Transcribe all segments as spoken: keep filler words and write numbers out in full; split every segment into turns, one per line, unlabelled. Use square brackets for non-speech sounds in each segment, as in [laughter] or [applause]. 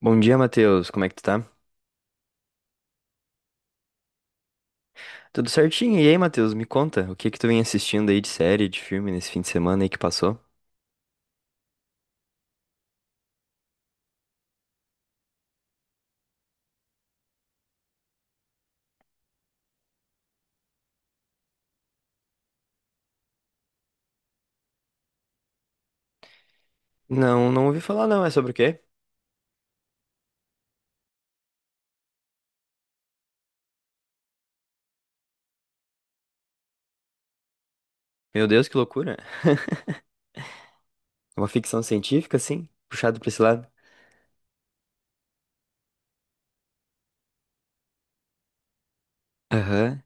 Bom dia, Matheus. Como é que tu tá? Tudo certinho? E aí, Matheus, me conta, o que que tu vem assistindo aí de série, de filme nesse fim de semana aí que passou? Não, não ouvi falar não, é sobre o quê? Meu Deus, que loucura. [laughs] Uma ficção científica, assim? Puxado pra esse lado? Aham.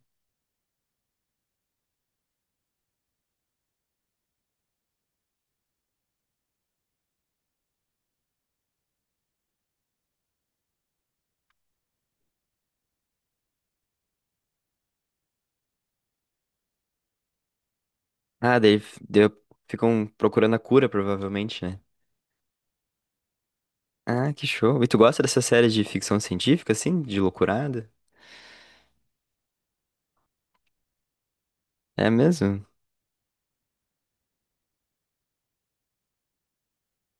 Ah, daí, f- deu- Ficam procurando a cura, provavelmente, né? Ah, que show. E tu gosta dessa série de ficção científica, assim? De loucurada? É mesmo?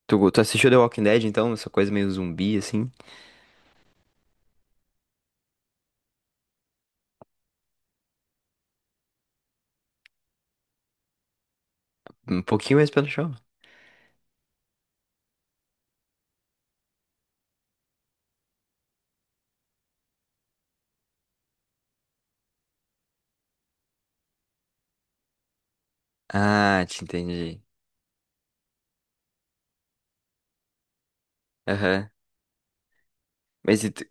Tu, go- tu assistiu The Walking Dead, então? Essa coisa meio zumbi, assim? Um pouquinho mais pelo show. Ah, te entendi. Aham. Mas e tu,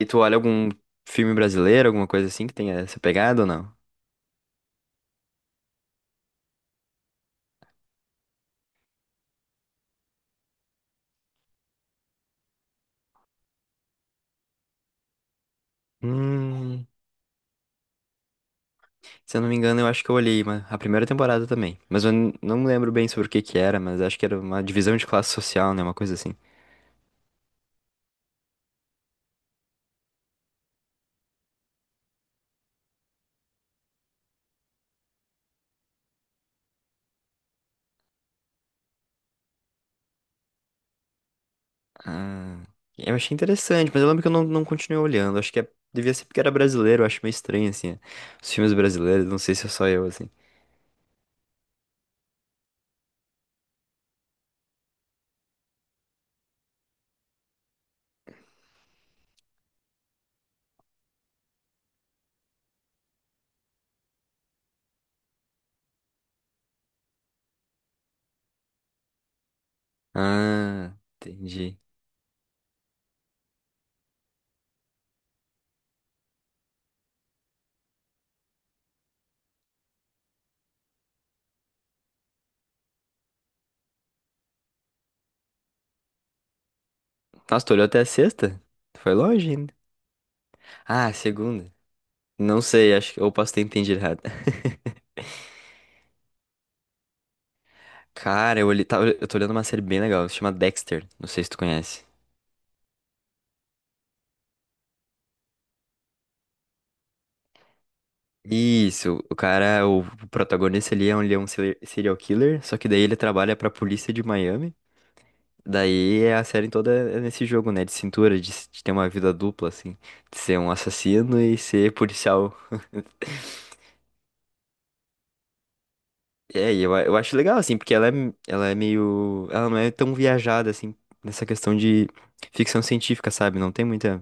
e tu olha algum filme brasileiro, alguma coisa assim que tenha essa pegada ou não? Hum, se eu não me engano, eu acho que eu olhei uma- a primeira temporada também. Mas eu n- não me lembro bem sobre o que que era, mas acho que era uma divisão de classe social, né? Uma coisa assim. Ah, eu achei interessante, mas eu lembro que eu não, não continuei olhando. Acho que é- devia ser porque era brasileiro, eu acho meio estranho, assim. Os filmes brasileiros, não sei se é só eu, assim. Ah, entendi. Nossa, tu olhou até a sexta? Foi longe ainda. Ah, a segunda. Não sei, acho que eu posso ter entendido errado. Cara, eu, olhei- tá- Eu tô olhando uma série bem legal, se chama Dexter, não sei se tu conhece. Isso, o cara, o protagonista ali é um, ele é um seri- serial killer, só que daí ele trabalha pra polícia de Miami. Daí é a série toda é nesse jogo, né, de cintura, de, s- de ter uma vida dupla, assim, de ser um assassino e ser policial. [laughs] É, e eu, a- eu acho legal, assim, porque ela é, m- ela é meio, ela não é tão viajada, assim, nessa questão de ficção científica, sabe? Não tem muita.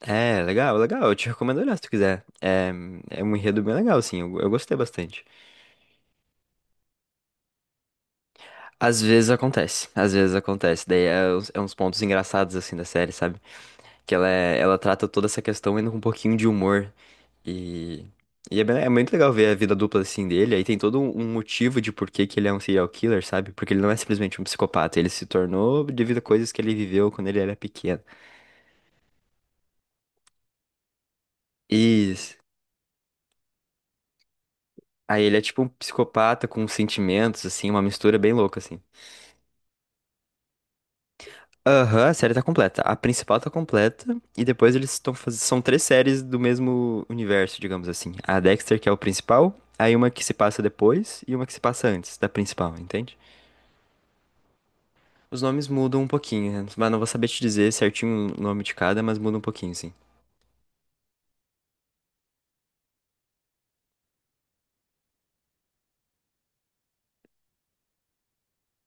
É, legal, legal. Eu te recomendo olhar se tu quiser. É, é um enredo bem legal, assim. Eu, eu gostei bastante. Às vezes acontece, às vezes acontece. Daí é, uns é uns pontos engraçados, assim, da série, sabe? Que ela, é- ela trata toda essa questão indo com um pouquinho de humor. E, e é, bem- É muito legal ver a vida dupla, assim, dele. Aí tem todo um um motivo de por que que ele é um serial killer, sabe? Porque ele não é simplesmente um psicopata. Ele se tornou devido a coisas que ele viveu quando ele era pequeno. Isso. Aí ele é tipo um psicopata com sentimentos, assim, uma mistura bem louca, assim. Aham, a série tá completa. A principal tá completa. E depois eles estão fazendo. São três séries do mesmo universo, digamos assim. A Dexter, que é o principal. Aí uma que se passa depois e uma que se passa antes da principal, entende? Os nomes mudam um pouquinho, né? Mas não vou saber te dizer certinho o nome de cada, mas muda um pouquinho, sim.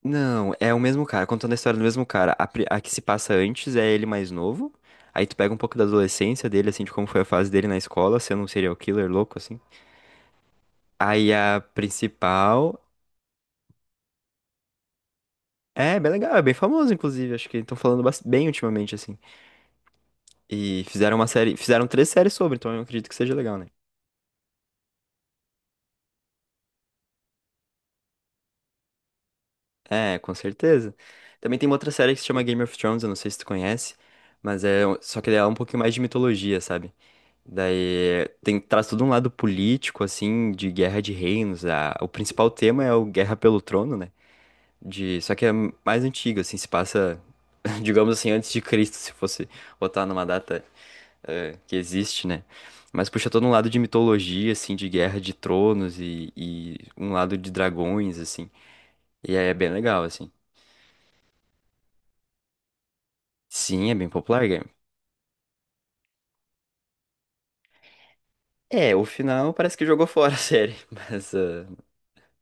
Não, é o mesmo cara, contando a história do mesmo cara. A, pri- a que se passa antes é ele mais novo. Aí tu pega um pouco da adolescência dele, assim, de como foi a fase dele na escola, sendo um serial killer louco, assim. Aí a principal é bem legal, é bem famoso, inclusive. Acho que estão falando bas- bem ultimamente, assim. E fizeram uma série, fizeram três séries sobre, então eu acredito que seja legal, né? É, com certeza. Também tem uma outra série que se chama Game of Thrones, eu não sei se tu conhece, mas é, um- só que ela é um pouquinho mais de mitologia, sabe? Daí tem, traz todo um lado político, assim, de guerra de reinos. A, o principal tema é o Guerra pelo Trono, né? De, só que é mais antigo, assim, se passa, [laughs] digamos assim, antes de Cristo, se fosse botar numa data é, que existe, né? Mas puxa todo um lado de mitologia, assim, de guerra de tronos e, e um lado de dragões, assim. E aí é bem legal, assim. Sim, é bem popular, game. É, o final parece que jogou [laughs] fora a série, [laughs] mas, ah,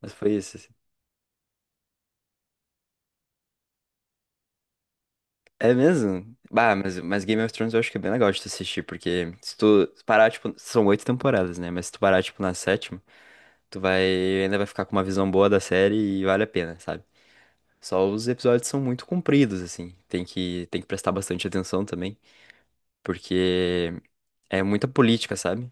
mas foi isso, assim. É mesmo? Bah, mas, mas Game of Thrones eu acho que é bem legal de tu assistir, porque se tu parar, tipo, são oito temporadas, né? Mas se tu parar, tipo, na sétima, tu vai, ainda vai ficar com uma visão boa da série e vale a pena, sabe? Só os episódios são muito compridos, assim. Tem que, tem que prestar bastante atenção também, porque é muita política, sabe?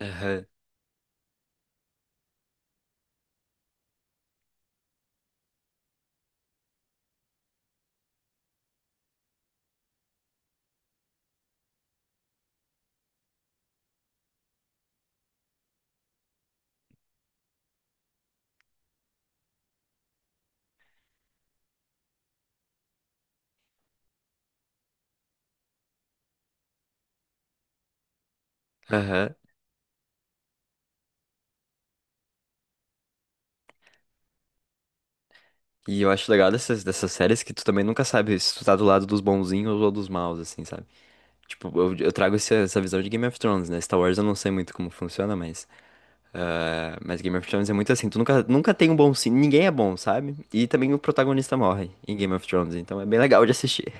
Aham, aham. E eu acho legal dessas, dessas séries que tu também nunca sabe se tu tá do lado dos bonzinhos ou dos maus, assim, sabe? Tipo, eu, eu trago esse- essa visão de Game of Thrones, né? Star Wars eu não sei muito como funciona, mas. Ah, mas Game of Thrones é muito assim, tu nunca, nunca tem um bom. sim- Ninguém é bom, sabe? E também o protagonista morre em Game of Thrones, então é bem legal de assistir.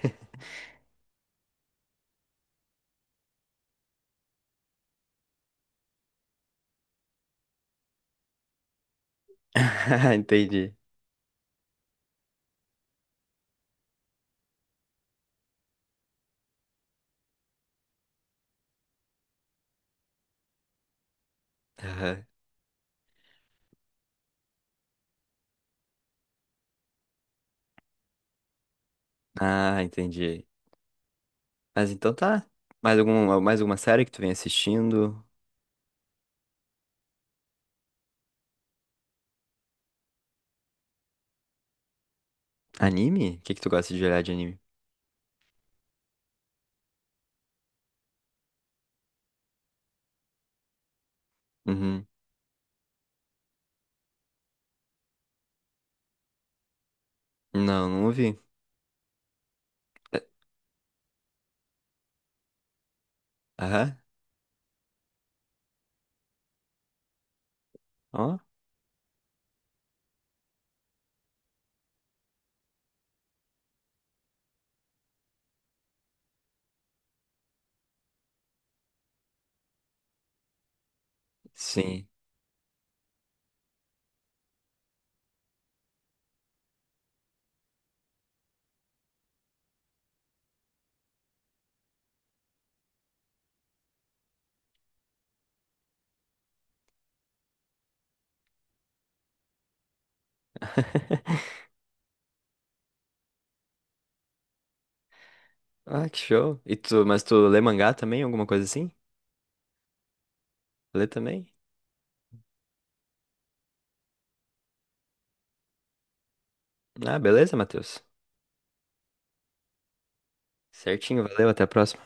[laughs] Entendi. Aham. Ah, entendi. Mas então tá. Mais algum, mais alguma série que tu vem assistindo? Anime? O que que tu gosta de olhar de anime? Uhum. Não, não ouvi. É, aham. Ó, sim. [laughs] Ah, que show. E tu, mas tu lê mangá também? Alguma coisa assim? Lê também? Ah, beleza, Matheus. Certinho, valeu, até a próxima.